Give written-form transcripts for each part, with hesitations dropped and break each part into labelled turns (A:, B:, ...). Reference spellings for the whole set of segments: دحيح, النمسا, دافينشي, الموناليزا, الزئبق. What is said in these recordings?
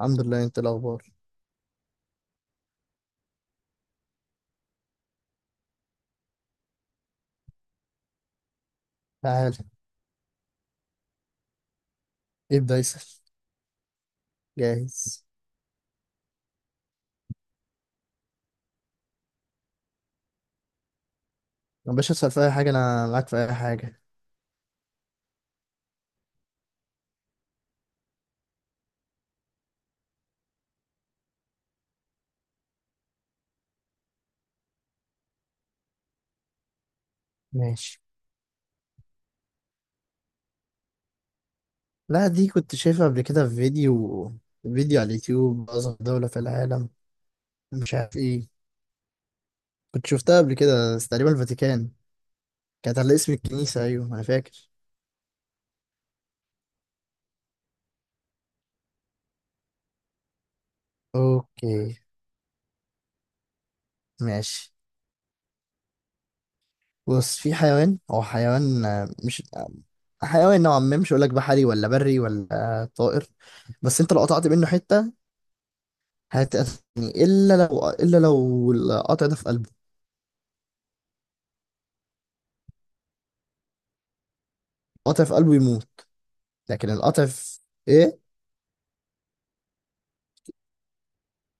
A: الحمد لله، انت الاخبار؟ تعال. ابدا اسال. جاهز. يا باشا اسال في اي حاجه، انا معاك في اي حاجه. ماشي. لا، دي كنت شايفها قبل كده في فيديو على اليوتيوب. اصغر دوله في العالم، مش عارف ايه. كنت شفتها قبل كده، بس تقريبا الفاتيكان. كانت على اسم الكنيسه، ايوه انا فاكر. اوكي ماشي. بص، في حيوان، هو حيوان مش حيوان نوعا ما، مش هقول لك بحري ولا بري ولا طائر. بس انت لو قطعت منه حته هتقتلني، الا لو القطع ده في قلبه. القطع في قلبه يموت، لكن القطع في ايه.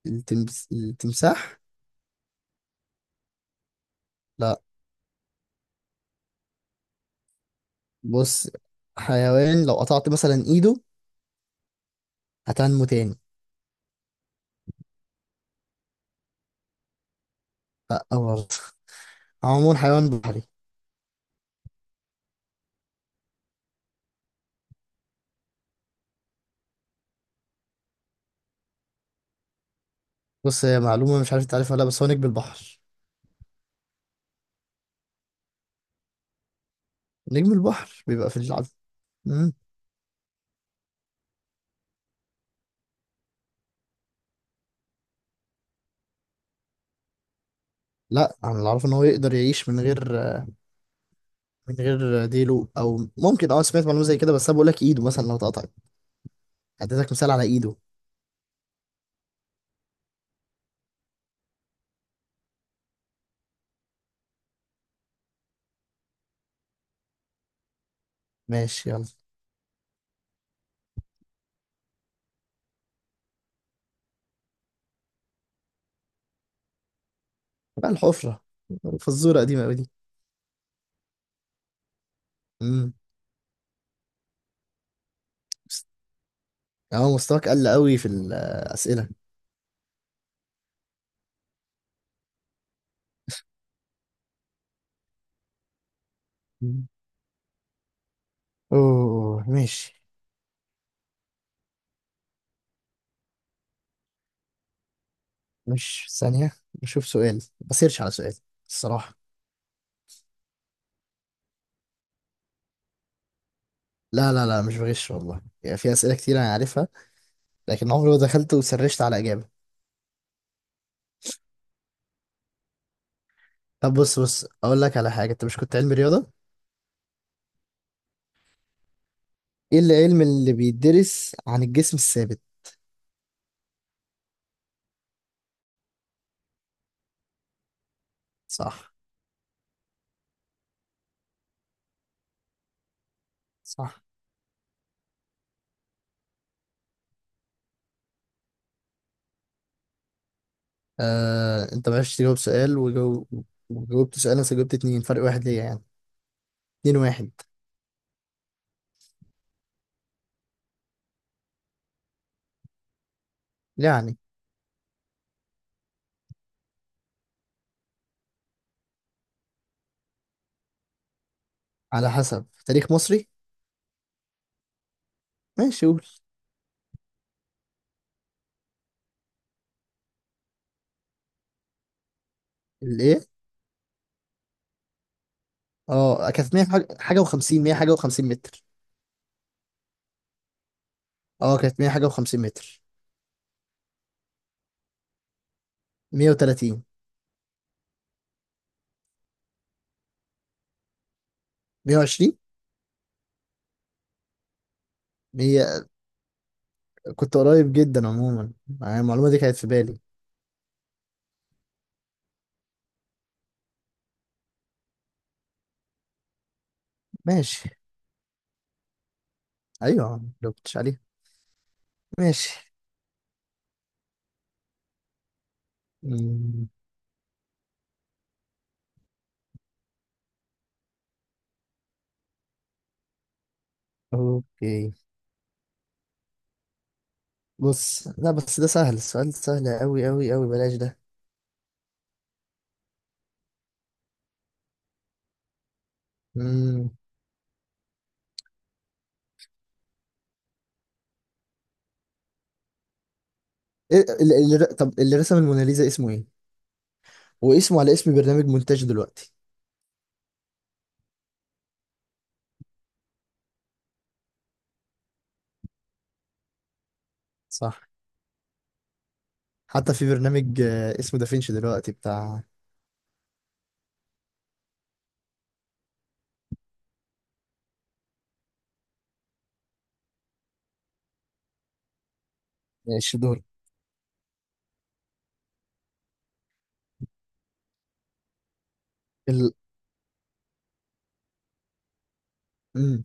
A: التمساح. لا. بص، حيوان لو قطعت مثلا ايده هتنمو تاني. لا، أو عموما حيوان بحري. بص، هي معلومة مش عارف انت عارفها ولا لا، بس هو نجم البحر. نجم البحر بيبقى في العب. مم. لا، انا اللي اعرفه ان هو يقدر يعيش من غير، من غير ديله، او ممكن اه سمعت معلومة زي كده، بس انا بقول لك ايده مثلا لو اتقطعت. اديتك مثال على ايده. ماشي يلا. بقى الحفرة، فزورة قديمة أوي دي. مم. اه مستواك قل أوي في الأسئلة. مم. أوه ماشي. مش ثانية، نشوف سؤال بسيرش على سؤال الصراحة. لا لا لا، مش بغش والله، يعني في أسئلة كتير أنا عارفها، لكن عمري ما دخلت وسرشت على إجابة. طب بص، أقول لك على حاجة، أنت مش كنت علمي رياضة؟ إيه العلم اللي بيدرس عن الجسم الثابت؟ صح. صح. أنت ما عرفتش تجاوب سؤال، وجاوبت سؤال، أنا جاوبت اتنين، فرق واحد ليا يعني. اتنين واحد. يعني على حسب تاريخ مصري. ماشي قول. الايه؟ اه كانت 100 حاجة و50، 100 حاجه و50 متر. اه كانت 100 حاجه و50 متر. 130. 120. 100. كنت قريب جدا عموما، يعني المعلومه دي كانت في بالي. ماشي. ايوه يا عم، لو كنتش عليها. ماشي. مم، اوكي. بص، لا بس ده سهل، السؤال سهل قوي قوي، بلاش ده. مم. طب اللي رسم الموناليزا اسمه ايه؟ واسمه على اسم برنامج مونتاج دلوقتي. صح. حتى في برنامج اسمه دافينشي دلوقتي بتاع الشدور. ال... مم.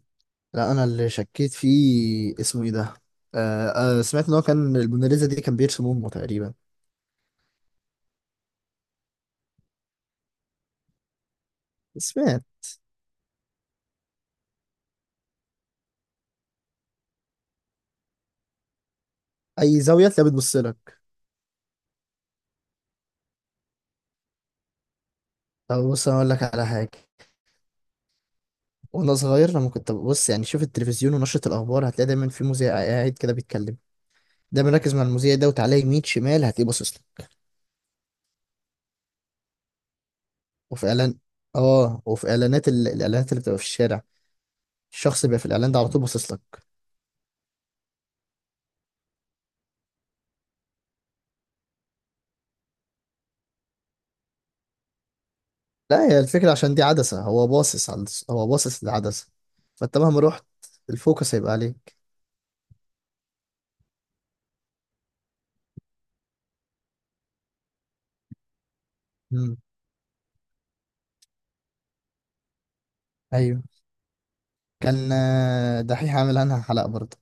A: لا، انا اللي شكيت فيه اسمه ايه ده. آه آه، سمعت ان هو كان الموناليزا دي كان بيرسم امه تقريبا. سمعت. اي زاويه تلاقيها بتبص لك. طب بص، انا اقول لك على حاجه. وانا صغير لما كنت ببص يعني شوف التلفزيون ونشره الاخبار، هتلاقي دايما في مذيع قاعد كده بيتكلم، دايما ركز مع المذيع ده وتعالى يمين شمال هتلاقيه باصص لك. وفي اعلان، اه وفي اعلانات الاعلانات اللي بتبقى في الشارع، الشخص اللي بيبقى في الاعلان ده على طول باصص لك. لا، هي الفكرة عشان دي عدسة، هو باصص للعدسة، فانت مهما رحت الفوكس هيبقى عليك. امم، ايوه. كان دحيح عامل عنها حلقة برضه.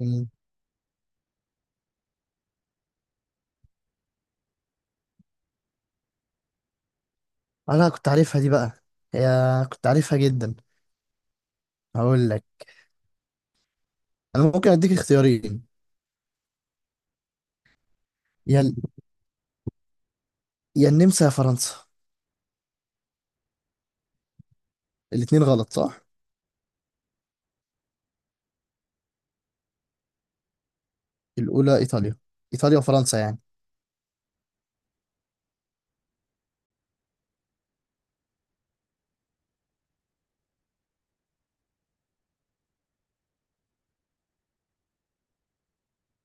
A: امم. انا كنت عارفها دي بقى. هي كنت عارفها جدا. هقول لك، انا ممكن اديك اختيارين. يا ال- يا النمسا يا فرنسا. الاتنين غلط، صح؟ الاولى ايطاليا. ايطاليا وفرنسا يعني.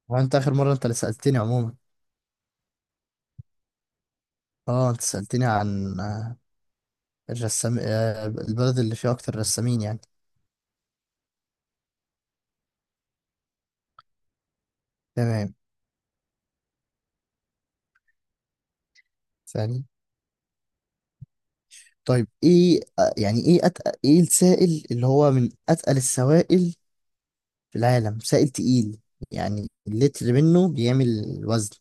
A: وانت اخر مره انت اللي سالتني عموما. اه انت سالتني عن الرسام، البلد اللي فيها اكتر رسامين يعني. تمام. ثاني. طيب ايه يعني ايه أتقل، ايه السائل اللي هو من اتقل السوائل في العالم، سائل تقيل يعني اللتر منه بيعمل وزن.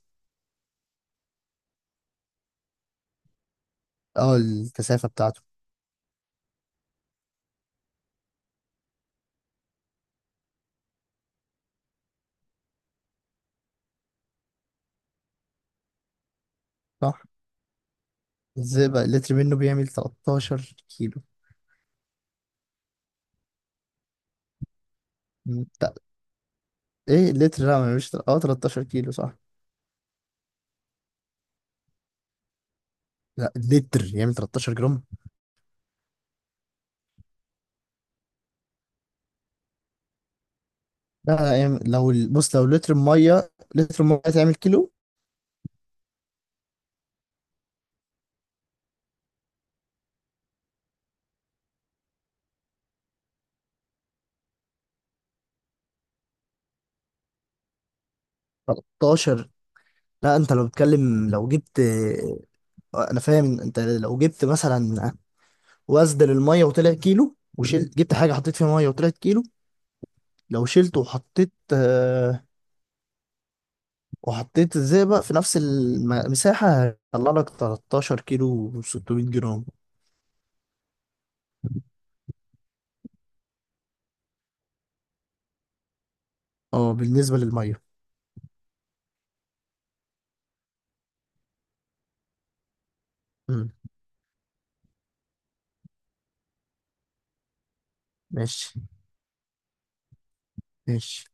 A: اه الكثافة بتاعته. صح. ازاي بقى اللتر منه بيعمل 13 كيلو. لا ايه اللتر، لا ما بيعملش اه 13 كيلو صح. لا اللتر يعمل 13 جرام. لا لا يعمل، لو بص، لو لتر ميه، لتر ميه تعمل كيلو. 13. لا، انت لو بتتكلم لو جبت انا فاهم، انت لو جبت مثلا واسدل الميه وطلع كيلو وشيل، جبت حاجه حطيت فيها ميه وطلعت كيلو، لو شلته وحطيت آه وحطيت الزئبق في نفس المساحه هيطلع لك 13 كيلو و600 جرام. اه بالنسبه للميه. مم. ماشي. ماشي.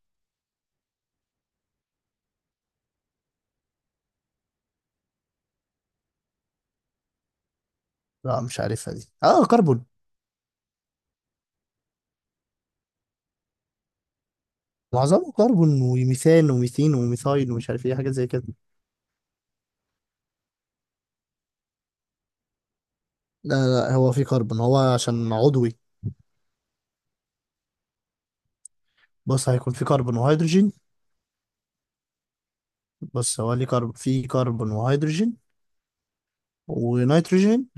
A: لا مش عارفها دي، اه كربون. معظمه كربون وميثان وميثين وميثايل ومش عارف ايه حاجات زي كده. لا لا، هو في كربون هو عشان عضوي. بص، هيكون في كربون وهيدروجين. بص هو ليه في كربون وهيدروجين ونيتروجين،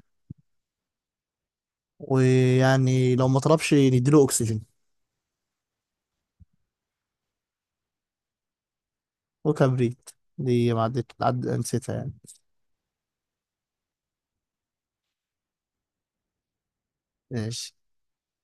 A: ويعني لو ما طلبش نديله اكسجين. وكبريت. دي ما نسيتها يعني. ماشي